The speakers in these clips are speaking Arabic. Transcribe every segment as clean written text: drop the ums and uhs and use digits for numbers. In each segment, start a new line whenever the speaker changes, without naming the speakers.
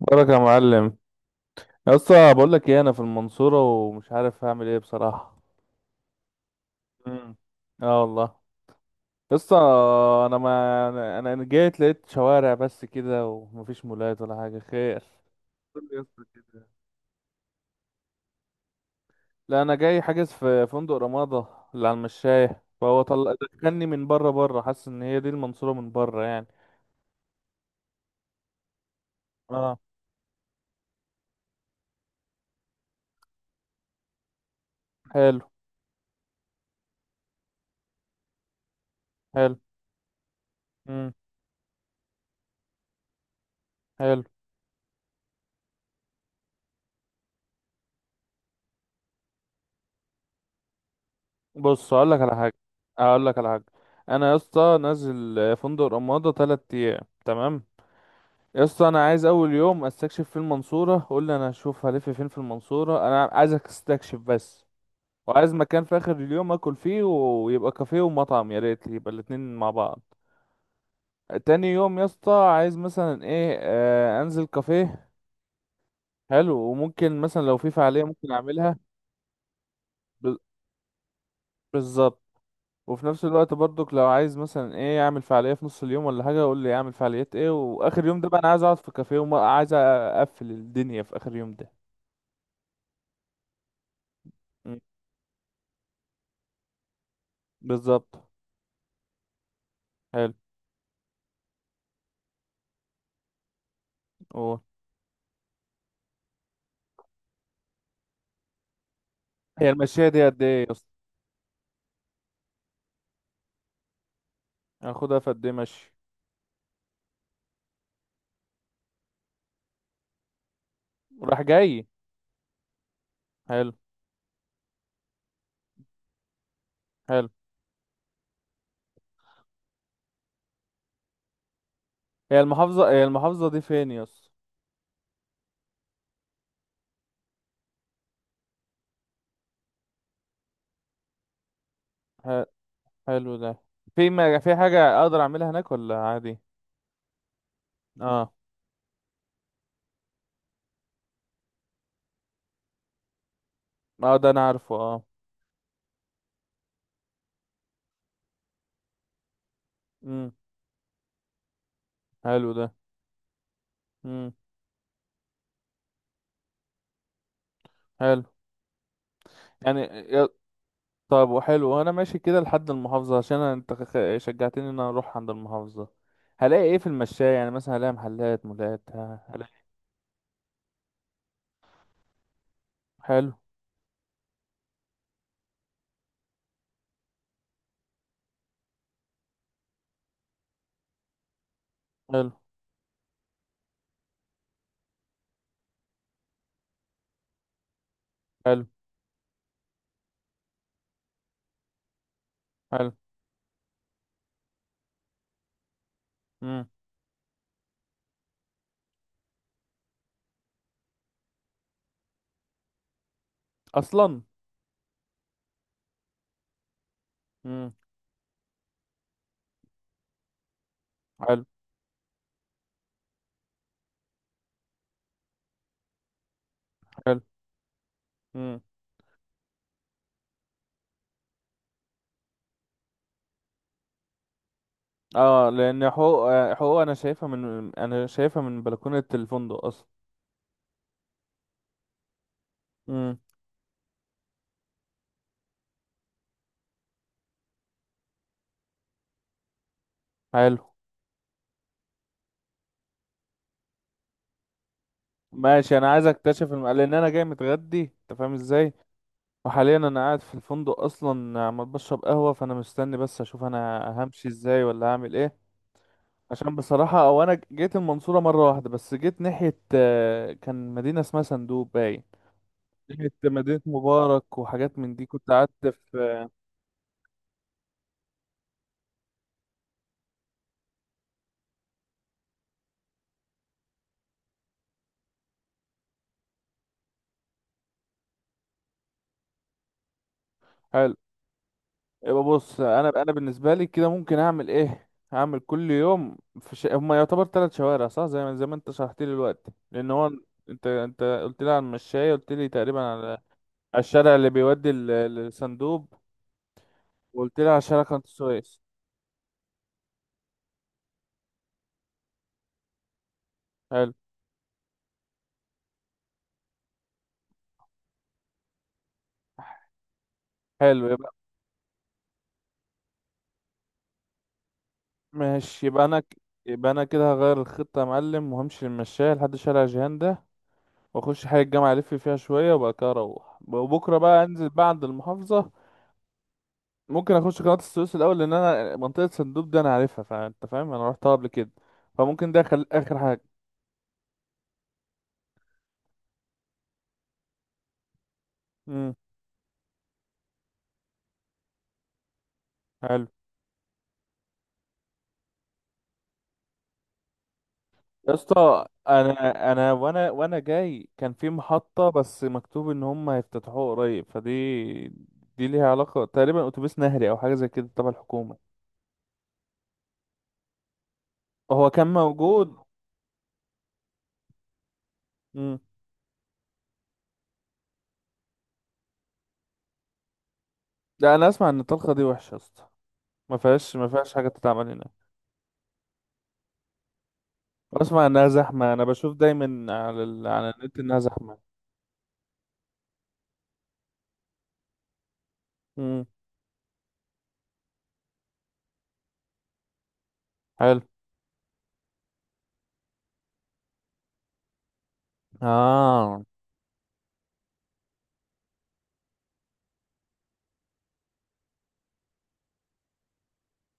بارك يا معلم. يا اسطى، بقول لك ايه؟ انا في المنصوره ومش عارف هعمل ايه بصراحه. مم. اه والله. يا اسطى، انا ما انا جيت لقيت شوارع بس كده ومفيش مولات ولا حاجه. خير، قول لي يا اسطى كده. لا، انا جاي حاجز في فندق رمادة اللي على المشاية، فهو طلع دخلني من بره بره، حاسس ان هي دي المنصورة من بره يعني. اه. حلو، حلو. مم. حلو. بص، اقول لك على حاجة. انا يا اسطى نازل فندق رمادة 3 ايام، تمام؟ يا اسطى، انا عايز اول يوم استكشف في المنصوره. قول لي انا هشوف هلف فين في المنصوره، انا عايزك استكشف بس. وعايز مكان في اخر اليوم اكل فيه ويبقى كافيه ومطعم، يا ريت يبقى الاتنين مع بعض. تاني يوم يا اسطى عايز مثلا ايه انزل كافيه. حلو. وممكن مثلا لو في فعاليه ممكن اعملها. ب- بالظبط. وفي نفس الوقت برضك لو عايز مثلا ايه اعمل فعاليه في نص اليوم ولا حاجه، قول لي اعمل فعاليات ايه. واخر يوم ده بقى انا عايز اقعد في كافيه وعايز اقفل الدنيا في اخر يوم ده. مم. بالظبط. حلو. أوه. هي المشية دي قد ايه يا اسطى؟ هاخدها في قد ايه مشي؟ راح جاي. حلو. حلو. هي المحافظة دي فين يا اسطى؟ ح- حلو ده. في، ما في حاجة اقدر اعملها هناك ولا عادي؟ اه، اه. ده انا عارفه، اه. امم. حلو ده. امم. حلو يعني، طب وحلو وانا ماشي كده لحد المحافظة، عشان انت شجعتني ان انا اروح عند المحافظة. هلاقي ايه في المشاية يعني؟ مثلا هلاقي محلات مولات هلاقي؟ حلو، حلو، حلو، حلو. امم. اصلا. امم. حلو، حلو. مم. اه، لان حقوق، حقوق انا شايفها من بلكونة الفندق اصلا. امم. حلو. ماشي، انا عايز اكتشف لان انا جاي متغدي، انت فاهم ازاي. وحاليا انا قاعد في الفندق اصلا عمال بشرب قهوة، فانا مستني بس اشوف انا همشي ازاي ولا هعمل ايه. عشان بصراحة، او انا جيت المنصورة مرة واحدة بس. جيت ناحية كان مدينة اسمها صندوق باين، ناحية مدينة مبارك وحاجات من دي، كنت قعدت في. حلو يبقى. بص، انا بالنسبه لي كده ممكن اعمل ايه؟ هعمل كل يوم في هما يعتبر 3 شوارع صح، زي ما انت شرحت لي دلوقتي. لان هو انت قلت لي على المشاية، قلت لي تقريبا على على الشارع اللي بيودي الصندوب، وقلت لي على شارع قناة السويس. حلو. حلو، يبقى ماشي. يبقى انا يبقى انا كده هغير الخطه يا معلم وهمشي المشاية لحد شارع جهان ده، واخش حي الجامعه الف فيها شويه وبعد كده اروح. وبكره بقى انزل بقى عند المحافظه. ممكن اخش قناة السويس الاول، لان انا منطقة صندوق دي انا عارفها، فانت فاهم انا رحتها قبل كده. فممكن ده اخر حاجة. امم. حلو. يا اسطى، انا انا وانا وانا جاي كان في محطة، بس مكتوب ان هم هيفتتحوها قريب، فدي دي ليها علاقة تقريبا اتوبيس نهري او حاجة زي كده تبع الحكومة. هو كان موجود. امم. لا، انا اسمع ان الطلقة دي وحشة يا اسطى. ما فيهاش حاجة تتعمل هنا. اسمع انها زحمة، انا بشوف دايما على على النت انها زحمة. امم. حلو. اه.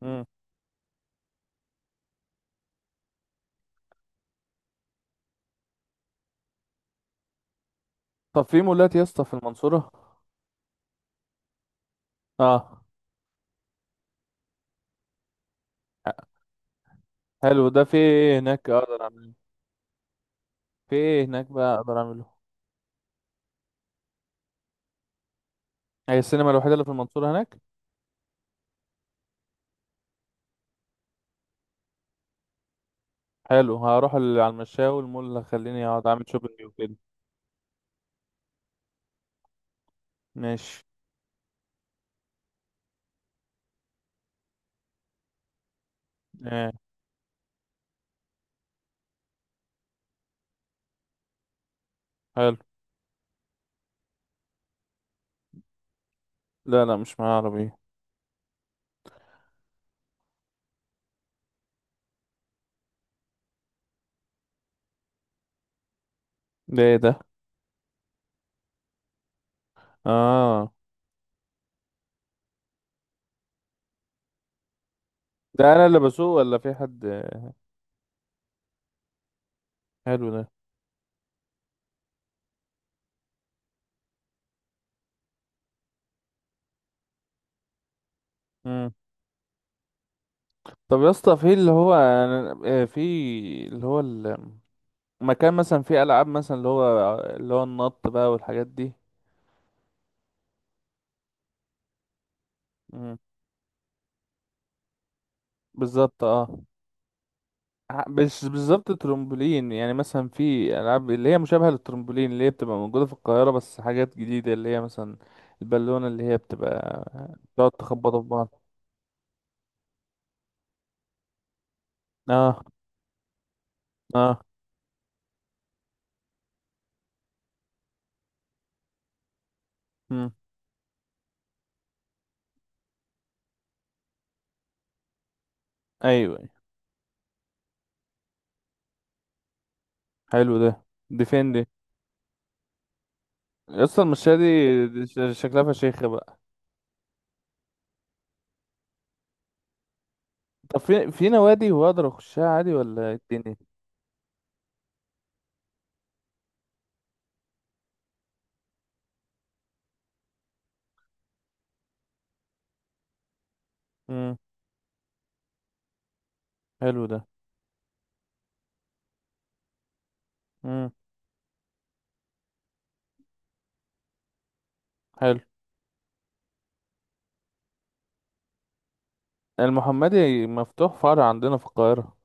مم. طب في مولات يا اسطى في المنصورة؟ اه. حلو ده. في ايه هناك اقدر اعمله؟ في ايه هناك بقى اقدر اعمله؟ هي السينما الوحيدة اللي في المنصورة هناك؟ حلو، هروح على المشاوي، المول اللي هخليني اقعد اعمل شوبينج وكده. ماشي. ايه؟ حلو. لا، لا، مش معايا عربية. ده ايه ده؟ اه، ده انا اللي بسوق ولا في حد؟ حلو ده. مم. طب يا اسطى، في اللي هو اللي هو المكان مثلا فيه العاب مثلا اللي هو النط بقى والحاجات دي. مم. بالظبط، اه. مش بالظبط ترمبولين، يعني مثلا في العاب اللي هي مشابهه للترمبولين اللي هي بتبقى موجوده في القاهره، بس حاجات جديده اللي هي مثلا البالونه اللي هي بتبقى بتقعد تخبطوا في بعض. اه، اه. مم. ايوه. أيوة. حلو ده. دي فين دي؟ اصلا المشاية دي دي شكلها فشيخة بقى. طب، في نوادي هو اقدر اخشها عادي ولا إيه الدنيا؟ امم. حلو ده. امم. حلو. المحمدي مفتوح فرع عندنا في القاهره.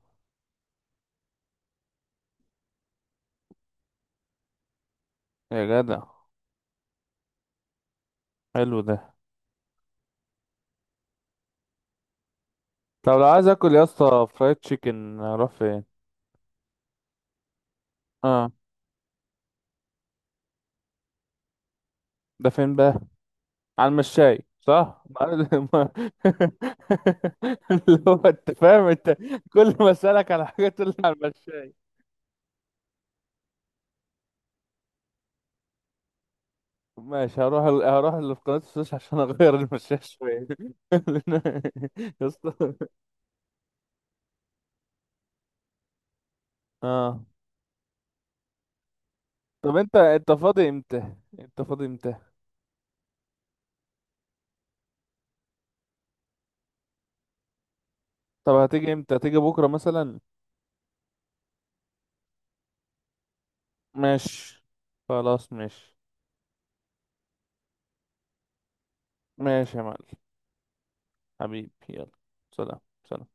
يا جدع. حلو ده. طب لو عايز اكل يا اسطى فرايد تشيكن، اروح فين؟ اه. ده فين بقى؟ على المشاي صح، اللي هو انت فاهم انت. كل ما اسالك على حاجه تقول لي على المشاي. ماشي، هروح اللي في قناه السويس عشان اغير المشاي شويه يا اسطى. اه. طب، انت فاضي امتى؟ انت فاضي امتى؟ طب هتيجي امتى؟ هتيجي بكره مثلا؟ ماشي، خلاص، ماشي. ماشي يا معلم. حبيبي، يلا. سلام، سلام.